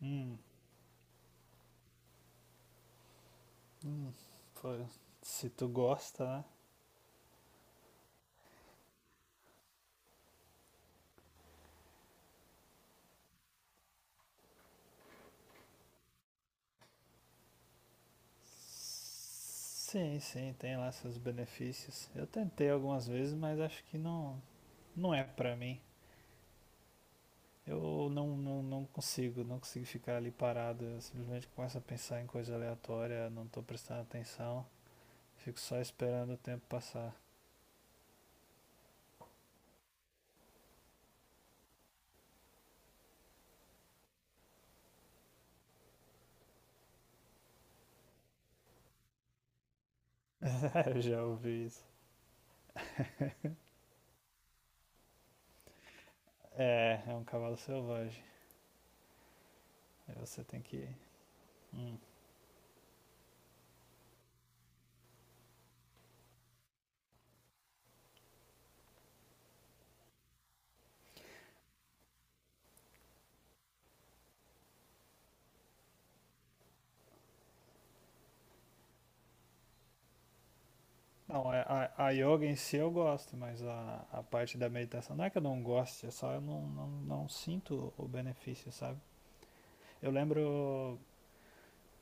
Hum, hum, pô, se tu gosta, né? Sim, sim, tem lá seus benefícios. Eu tentei algumas vezes, mas acho que não, não é pra mim. Eu não consigo ficar ali parado. Eu simplesmente começo a pensar em coisa aleatória, não tô prestando atenção. Fico só esperando o tempo passar. Eu já ouvi isso. É um cavalo selvagem. Aí você tem que. hum, Não, a yoga em si eu gosto, mas a parte da meditação não é que eu não goste, é só eu não sinto o benefício, sabe? Eu lembro,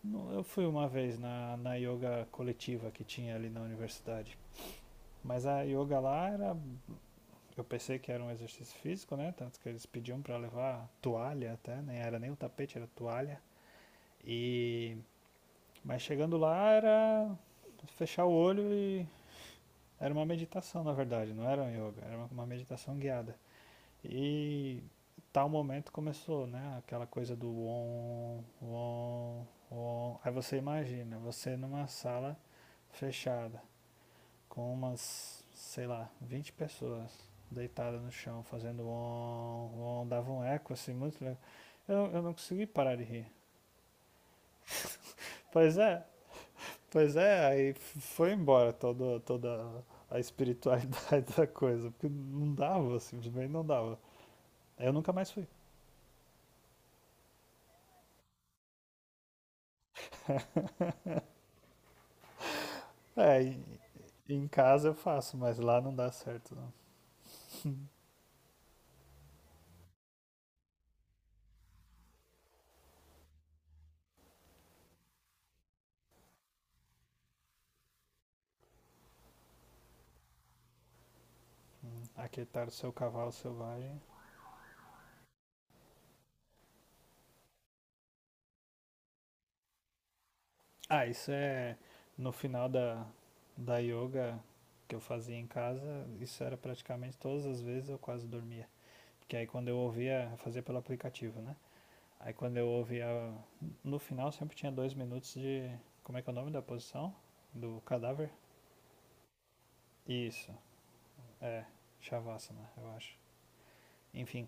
não, eu fui uma vez na yoga coletiva que tinha ali na universidade, mas a yoga lá era, eu pensei que era um exercício físico, né? Tanto que eles pediam pra levar toalha até, nem era nem o tapete, era toalha. E, mas chegando lá era fechar o olho e era uma meditação, na verdade, não era um yoga, era uma meditação guiada. E tal momento começou, né? Aquela coisa do on, on, on. Aí você imagina, você numa sala fechada, com umas, sei lá, 20 pessoas deitadas no chão, fazendo on, on, dava um eco assim, muito legal. Eu não consegui parar de rir. Pois é, pois é, aí foi embora toda a espiritualidade da coisa, porque não dava, simplesmente não dava. Eu nunca mais fui. É, e em casa eu faço, mas lá não dá certo. Não. Aquietar o seu cavalo selvagem. Ah, isso é no final da yoga que eu fazia em casa, isso era praticamente todas as vezes eu quase dormia. Porque aí quando eu ouvia, eu fazia pelo aplicativo, né? Aí quando eu ouvia, no final sempre tinha 2 minutos de, como é que é o nome da posição? Do cadáver? Isso, é, Shavasana, eu acho. Enfim,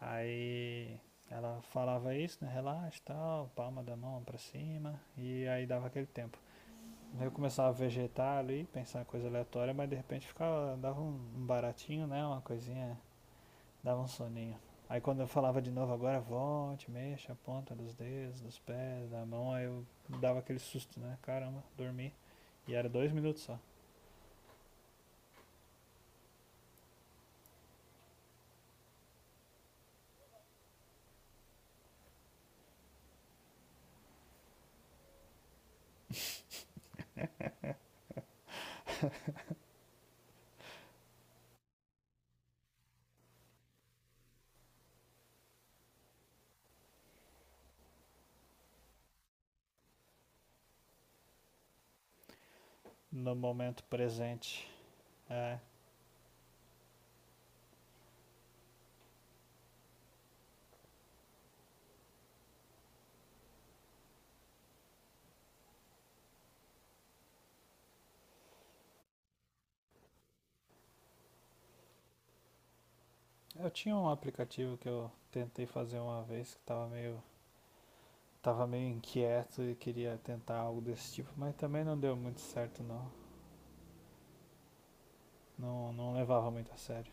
aí ela falava isso, né? Relaxa, tal, palma da mão pra cima, e aí dava aquele tempo. Eu começava a vegetar ali, pensar em coisa aleatória, mas de repente ficava, dava um baratinho, né? Uma coisinha, dava um soninho. Aí quando eu falava de novo agora, volte, mexa a ponta dos dedos, dos pés, da mão, aí eu dava aquele susto, né? Caramba, dormi. E era 2 minutos só. No momento presente. É, eu tinha um aplicativo que eu tentei fazer uma vez que tava meio inquieto e queria tentar algo desse tipo, mas também não deu muito certo não. Não, não levava muito a sério.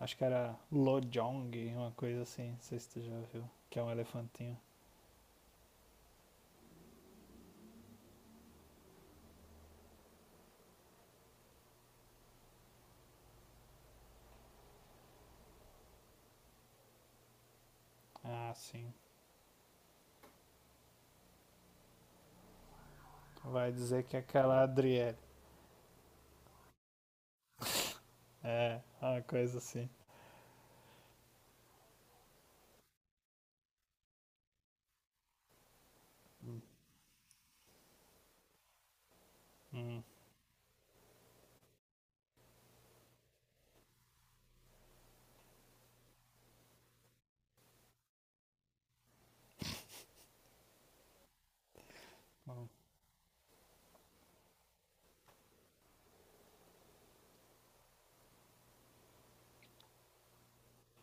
Acho que era Lojong, uma coisa assim, não sei se tu já viu, que é um elefantinho. Ah, sim. Vai dizer que é aquela Adriele. É, uma coisa assim. Hum, hum,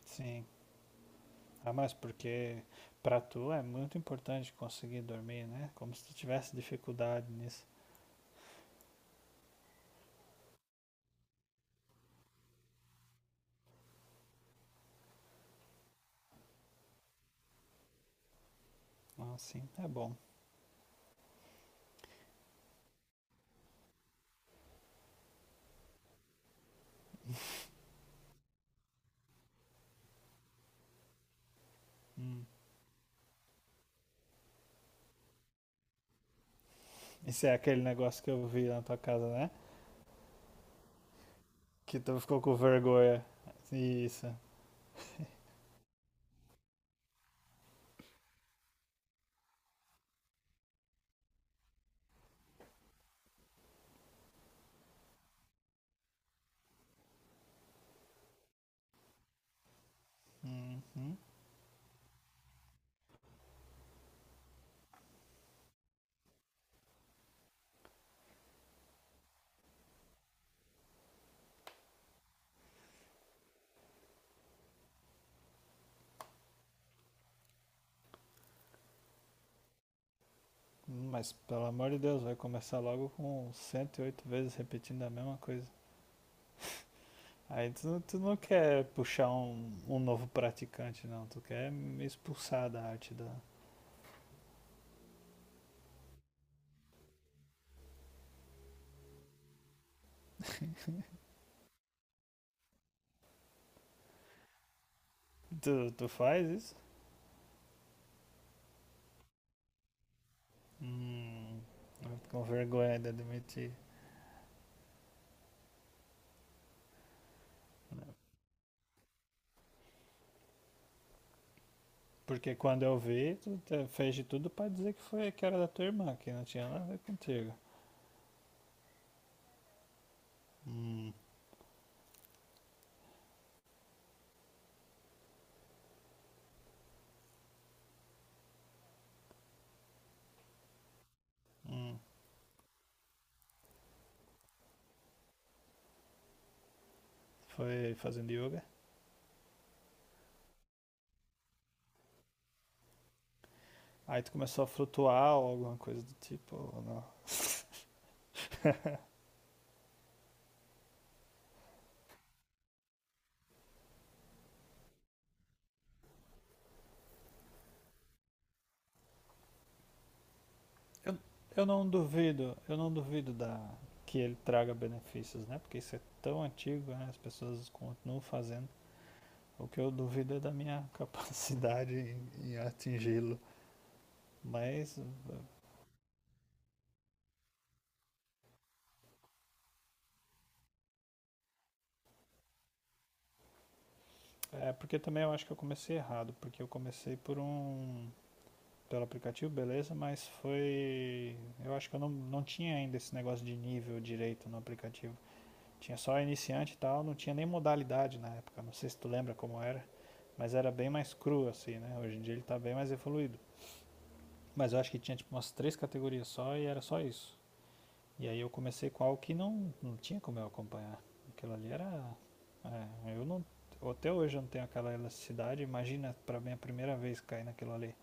sim. Ah, mas porque pra tu é muito importante conseguir dormir, né? Como se tu tivesse dificuldade nisso. Ah, sim, é bom. Hum. Isso é aquele negócio que eu vi na tua casa, né? Que tu ficou com vergonha. Isso. Uhum. Mas pelo amor de Deus, vai começar logo com 108 vezes repetindo a mesma coisa. Aí tu não quer puxar um novo praticante, não. Tu quer me expulsar da arte da. Tu faz isso? Hum, com vergonha de admitir, né? Porque quando eu vi, tu fez de tudo pra dizer que foi que era da tua irmã, que não tinha nada a ver contigo. Hum, hum. Foi fazendo yoga? Aí tu começou a flutuar ou alguma coisa do tipo, ou não. Eu, eu não duvido, eu não duvido da, que ele traga benefícios, né? Porque isso é tão antigo, né? As pessoas continuam fazendo. O que eu duvido é da minha capacidade em atingi-lo. Mas é porque também eu acho que eu comecei errado, porque eu comecei por um pelo aplicativo, beleza, mas foi eu acho que eu não tinha ainda esse negócio de nível direito no aplicativo. Tinha só iniciante e tal, não tinha nem modalidade na época. Não sei se tu lembra como era, mas era bem mais cru assim, né? Hoje em dia ele tá bem mais evoluído. Mas eu acho que tinha tipo umas três categorias só e era só isso. E aí eu comecei com algo que não tinha como eu acompanhar. Aquilo ali era. É, eu não. Até hoje eu não tenho aquela elasticidade. Imagina pra mim a primeira vez cair naquilo ali.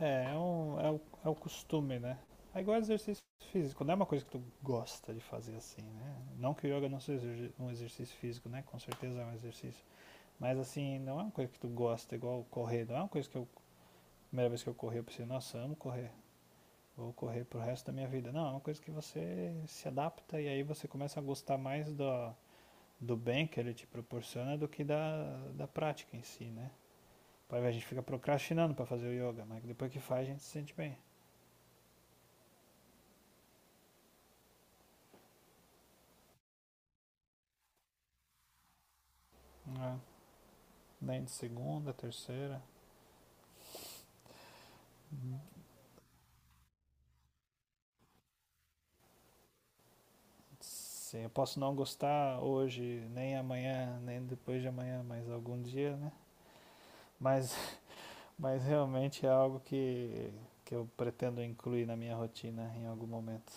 É o costume, né? É igual exercício físico, não é uma coisa que tu gosta de fazer assim, né? Não que o yoga não seja um exercício físico, né? Com certeza é um exercício. Mas assim, não é uma coisa que tu gosta, igual correr. Não é uma coisa que eu, a primeira vez que eu corri, eu pensei, nossa, amo correr. Vou correr pro resto da minha vida. Não, é uma coisa que você se adapta e aí você começa a gostar mais do bem que ele te proporciona do que da prática em si, né? Aí a gente fica procrastinando para fazer o yoga, mas depois que faz a gente se sente bem. Ah, nem de segunda, terceira. Uhum. Sim, eu posso não gostar hoje, nem amanhã, nem depois de amanhã, mas algum dia, né? Mas, mas realmente é algo que eu pretendo incluir na minha rotina em algum momento.